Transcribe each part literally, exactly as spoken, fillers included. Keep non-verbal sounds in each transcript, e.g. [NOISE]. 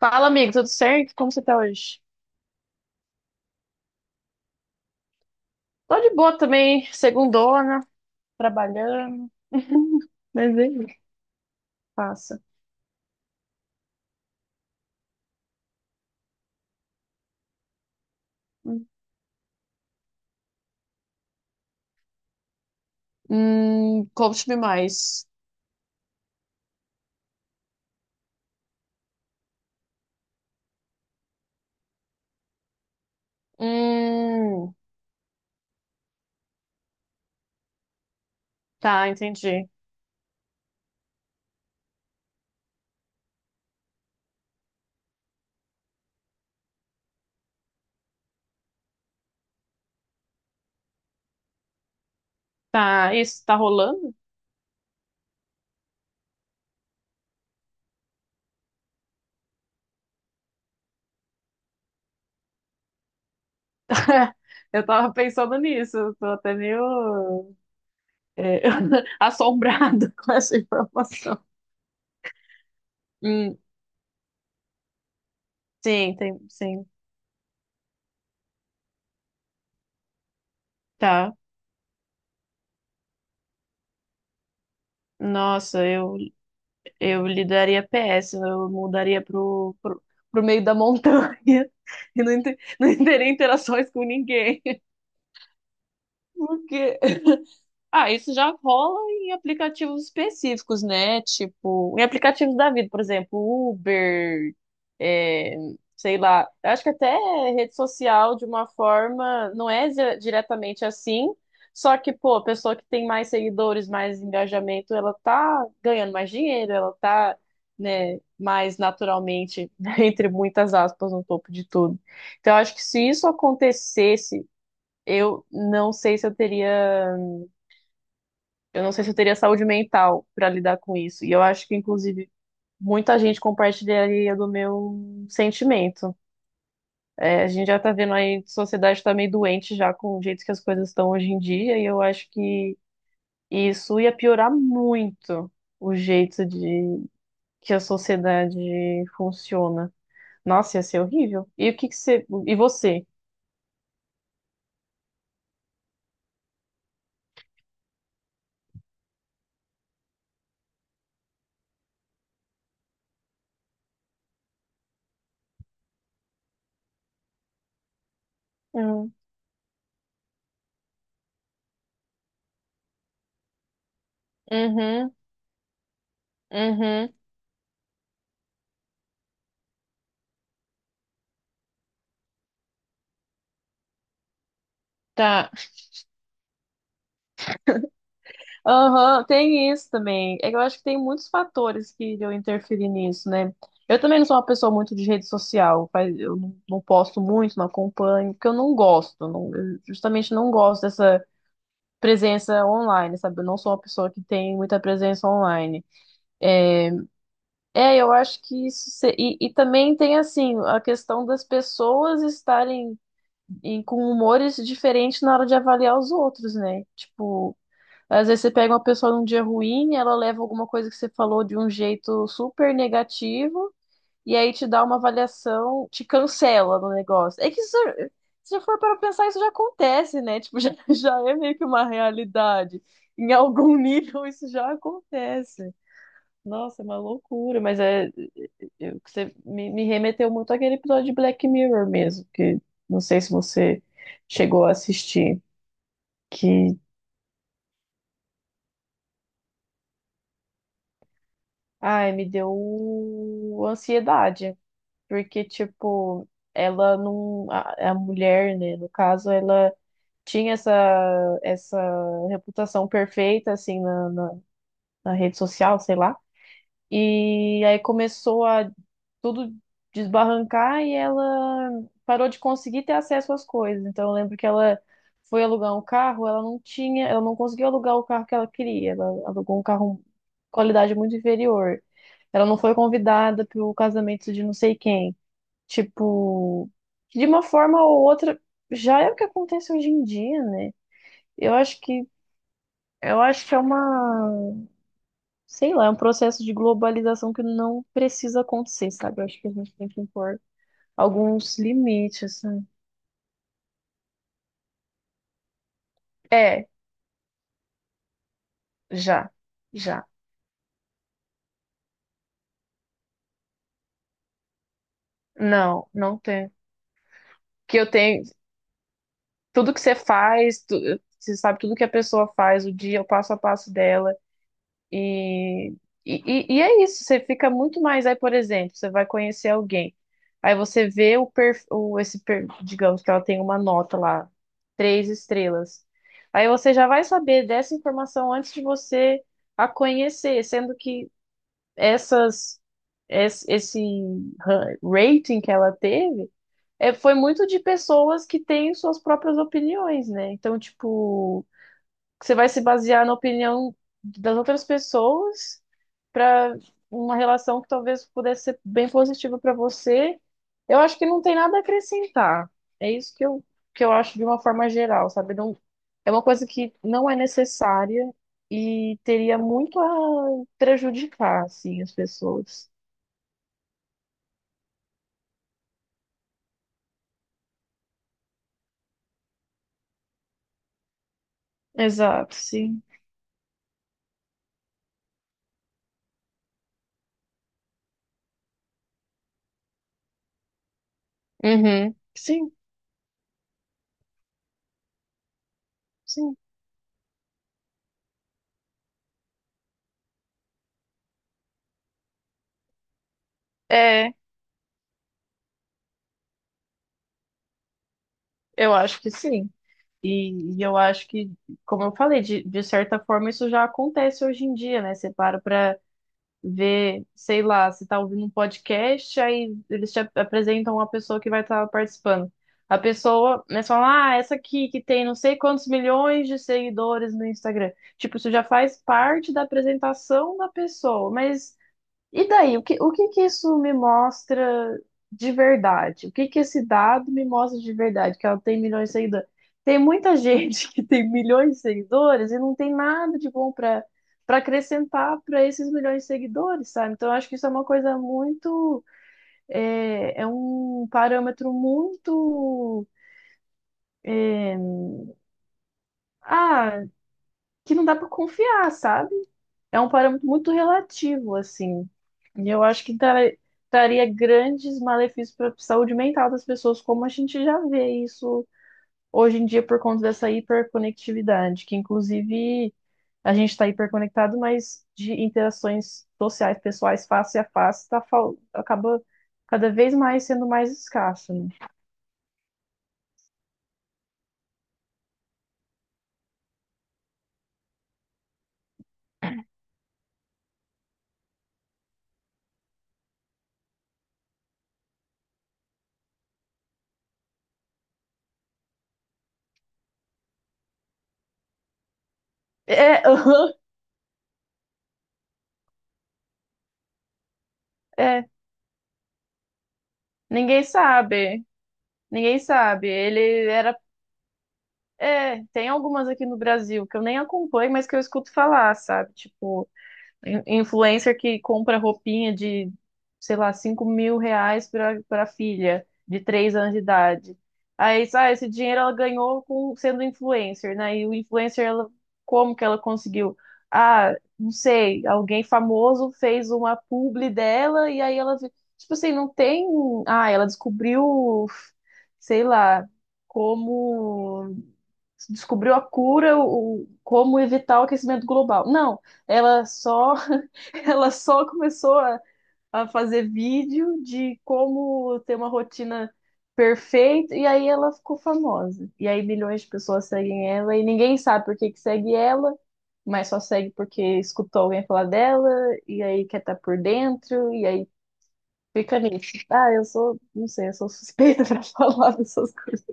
Fala, amigo, tudo certo? Como você tá hoje? Tô de boa também, segundona, trabalhando. [LAUGHS] Mas é, isso, passa. Hum, conte-me mais. Hum, tá, entendi. Tá, isso tá rolando? [LAUGHS] Eu tava pensando nisso, eu tô até meio é, [LAUGHS] assombrada com essa informação. Hum, sim, tem, sim, tá. Nossa, eu Eu lidaria P S, eu mudaria pro, pro, pro meio da montanha [LAUGHS] e não, inter- não teria interações com ninguém. [LAUGHS] Por quê? Ah, isso já rola em aplicativos específicos, né? Tipo, em aplicativos da vida, por exemplo, Uber, é, sei lá. Acho que até rede social, de uma forma, não é dire- diretamente assim. Só que, pô, a pessoa que tem mais seguidores, mais engajamento, ela tá ganhando mais dinheiro, ela tá, né, mais naturalmente, [LAUGHS] entre muitas aspas, no topo de tudo. Então, acho que se isso acontecesse, eu não sei se eu teria. Eu não sei se eu teria saúde mental para lidar com isso. E eu acho que, inclusive, muita gente compartilharia do meu sentimento. É, a gente já tá vendo aí, a sociedade tá meio doente já com o jeito que as coisas estão hoje em dia, e eu acho que isso ia piorar muito o jeito de que a sociedade funciona. Nossa, ia ser horrível. E o que que você. E você? Uhum, uhum, uhum. Tá. Aham, tem isso também. É que eu acho que tem muitos fatores que eu interferir nisso, né? Eu também não sou uma pessoa muito de rede social, faz- eu não não posto muito, não acompanho, porque eu não gosto, não- eu justamente não gosto dessa presença online, sabe? Eu não sou uma pessoa que tem muita presença online. É, é, eu acho que isso se- e, e também tem assim a questão das pessoas estarem em- com humores diferentes na hora de avaliar os outros, né? Tipo às vezes você pega uma pessoa num dia ruim, ela leva alguma coisa que você falou de um jeito super negativo, e aí te dá uma avaliação, te cancela no negócio. É que isso, se for para pensar, isso já acontece, né? Tipo, já, [LAUGHS] já é meio que uma realidade. Em algum [LAUGHS] nível isso já acontece. Nossa, é uma loucura, mas é, eu- você me, me remeteu muito àquele episódio de Black Mirror mesmo, que não sei se você chegou a assistir, que, ai, me deu ansiedade. Porque, tipo, ela não. A, a mulher, né, no caso, ela tinha essa, essa reputação perfeita, assim, na, na, na rede social, sei lá. E aí começou a tudo desbarrancar e ela parou de conseguir ter acesso às coisas. Então, eu lembro que ela foi alugar um carro, ela não tinha, ela não conseguiu alugar o carro que ela queria. Ela alugou um carro de qualidade muito inferior. Ela não foi convidada para o casamento de não sei quem. Tipo, de uma forma ou outra, já é o que acontece hoje em dia, né? Eu acho que eu acho que é uma, sei lá, é um processo de globalização que não precisa acontecer, sabe? Eu acho que a gente tem que impor alguns limites, assim. É, já, já. Não, não tem. Que eu tenho tudo que você faz, tu- você sabe tudo que a pessoa faz, o dia, o passo a passo dela. E, e, e é isso, você fica muito mais. Aí, por exemplo, você vai conhecer alguém, aí você vê o, per, o esse per- digamos que ela tem uma nota lá, três estrelas. Aí você já vai saber dessa informação antes de você a conhecer, sendo que essas es- esse ra- rating que ela teve é, foi muito de pessoas que têm suas próprias opiniões, né? Então, tipo você vai se basear na opinião das outras pessoas para uma relação que talvez pudesse ser bem positiva para você. Eu acho que não tem nada a acrescentar. É isso que eu, que eu acho de uma forma geral, sabe? Não, é uma coisa que não é necessária e teria muito a prejudicar, assim, as pessoas. Exato, sim. Uhum. Sim, sim. É, eu acho que sim. E, e eu acho que, como eu falei, de, de certa forma isso já acontece hoje em dia, né? Você para pra ver, sei lá, você tá ouvindo um podcast, aí eles te ap- apresentam uma pessoa que vai estar participando. A pessoa, né, você fala, ah, essa aqui que tem não sei quantos milhões de seguidores no Instagram. Tipo, isso já faz parte da apresentação da pessoa, mas e daí, o que, o que que isso me mostra de verdade? O que que esse dado me mostra de verdade? Que ela tem milhões de seguidores. Tem muita gente [LAUGHS] que tem milhões de seguidores e não tem nada de bom para para acrescentar para esses milhões de seguidores, sabe? Então, eu acho que isso é uma coisa muito. É, é um parâmetro muito. é, ah, que não dá para confiar, sabe? É um parâmetro muito relativo, assim. E eu acho que tra- traria grandes malefícios para a saúde mental das pessoas, como a gente já vê isso hoje em dia por conta dessa hiperconectividade, que inclusive a gente está hiperconectado, mas de interações sociais, pessoais, face a face, tá, fal- acaba cada vez mais sendo mais escasso, né? É, [LAUGHS] é, ninguém sabe. Ninguém sabe. Ele era É, tem algumas aqui no Brasil que eu nem acompanho, mas que eu escuto falar, sabe? Tipo, in- influencer que compra roupinha de, sei lá, cinco mil reais pra, pra filha de três anos de idade. Aí, sabe, esse dinheiro ela ganhou com, sendo influencer, né? E o influencer, ela, como que ela conseguiu? Ah, não sei, alguém famoso fez uma publi dela e aí ela, vi- tipo assim, não tem. Ah, ela descobriu, sei lá, como se descobriu a cura, o, como evitar o aquecimento global. Não, ela só, [LAUGHS] ela só começou a, a fazer vídeo de como ter uma rotina perfeita, e aí ela ficou famosa. E aí milhões de pessoas seguem ela, e ninguém sabe por que que segue ela, mas só segue porque escutou alguém falar dela, e aí quer estar por dentro, e aí fica nisso. Ah, eu sou, não sei, eu sou suspeita [LAUGHS] pra falar dessas coisas.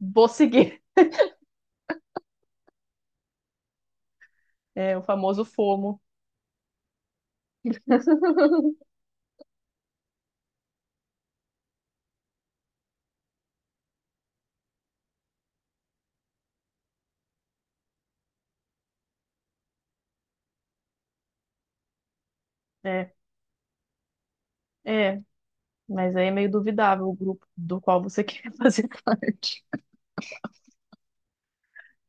Vou seguir. É o famoso FOMO. É, É, mas aí é meio duvidável o grupo do qual você [LAUGHS] quer fazer parte.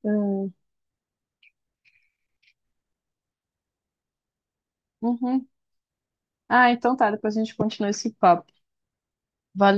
É. Uhum. Ah, então tá, depois a gente continua esse papo. Valeu.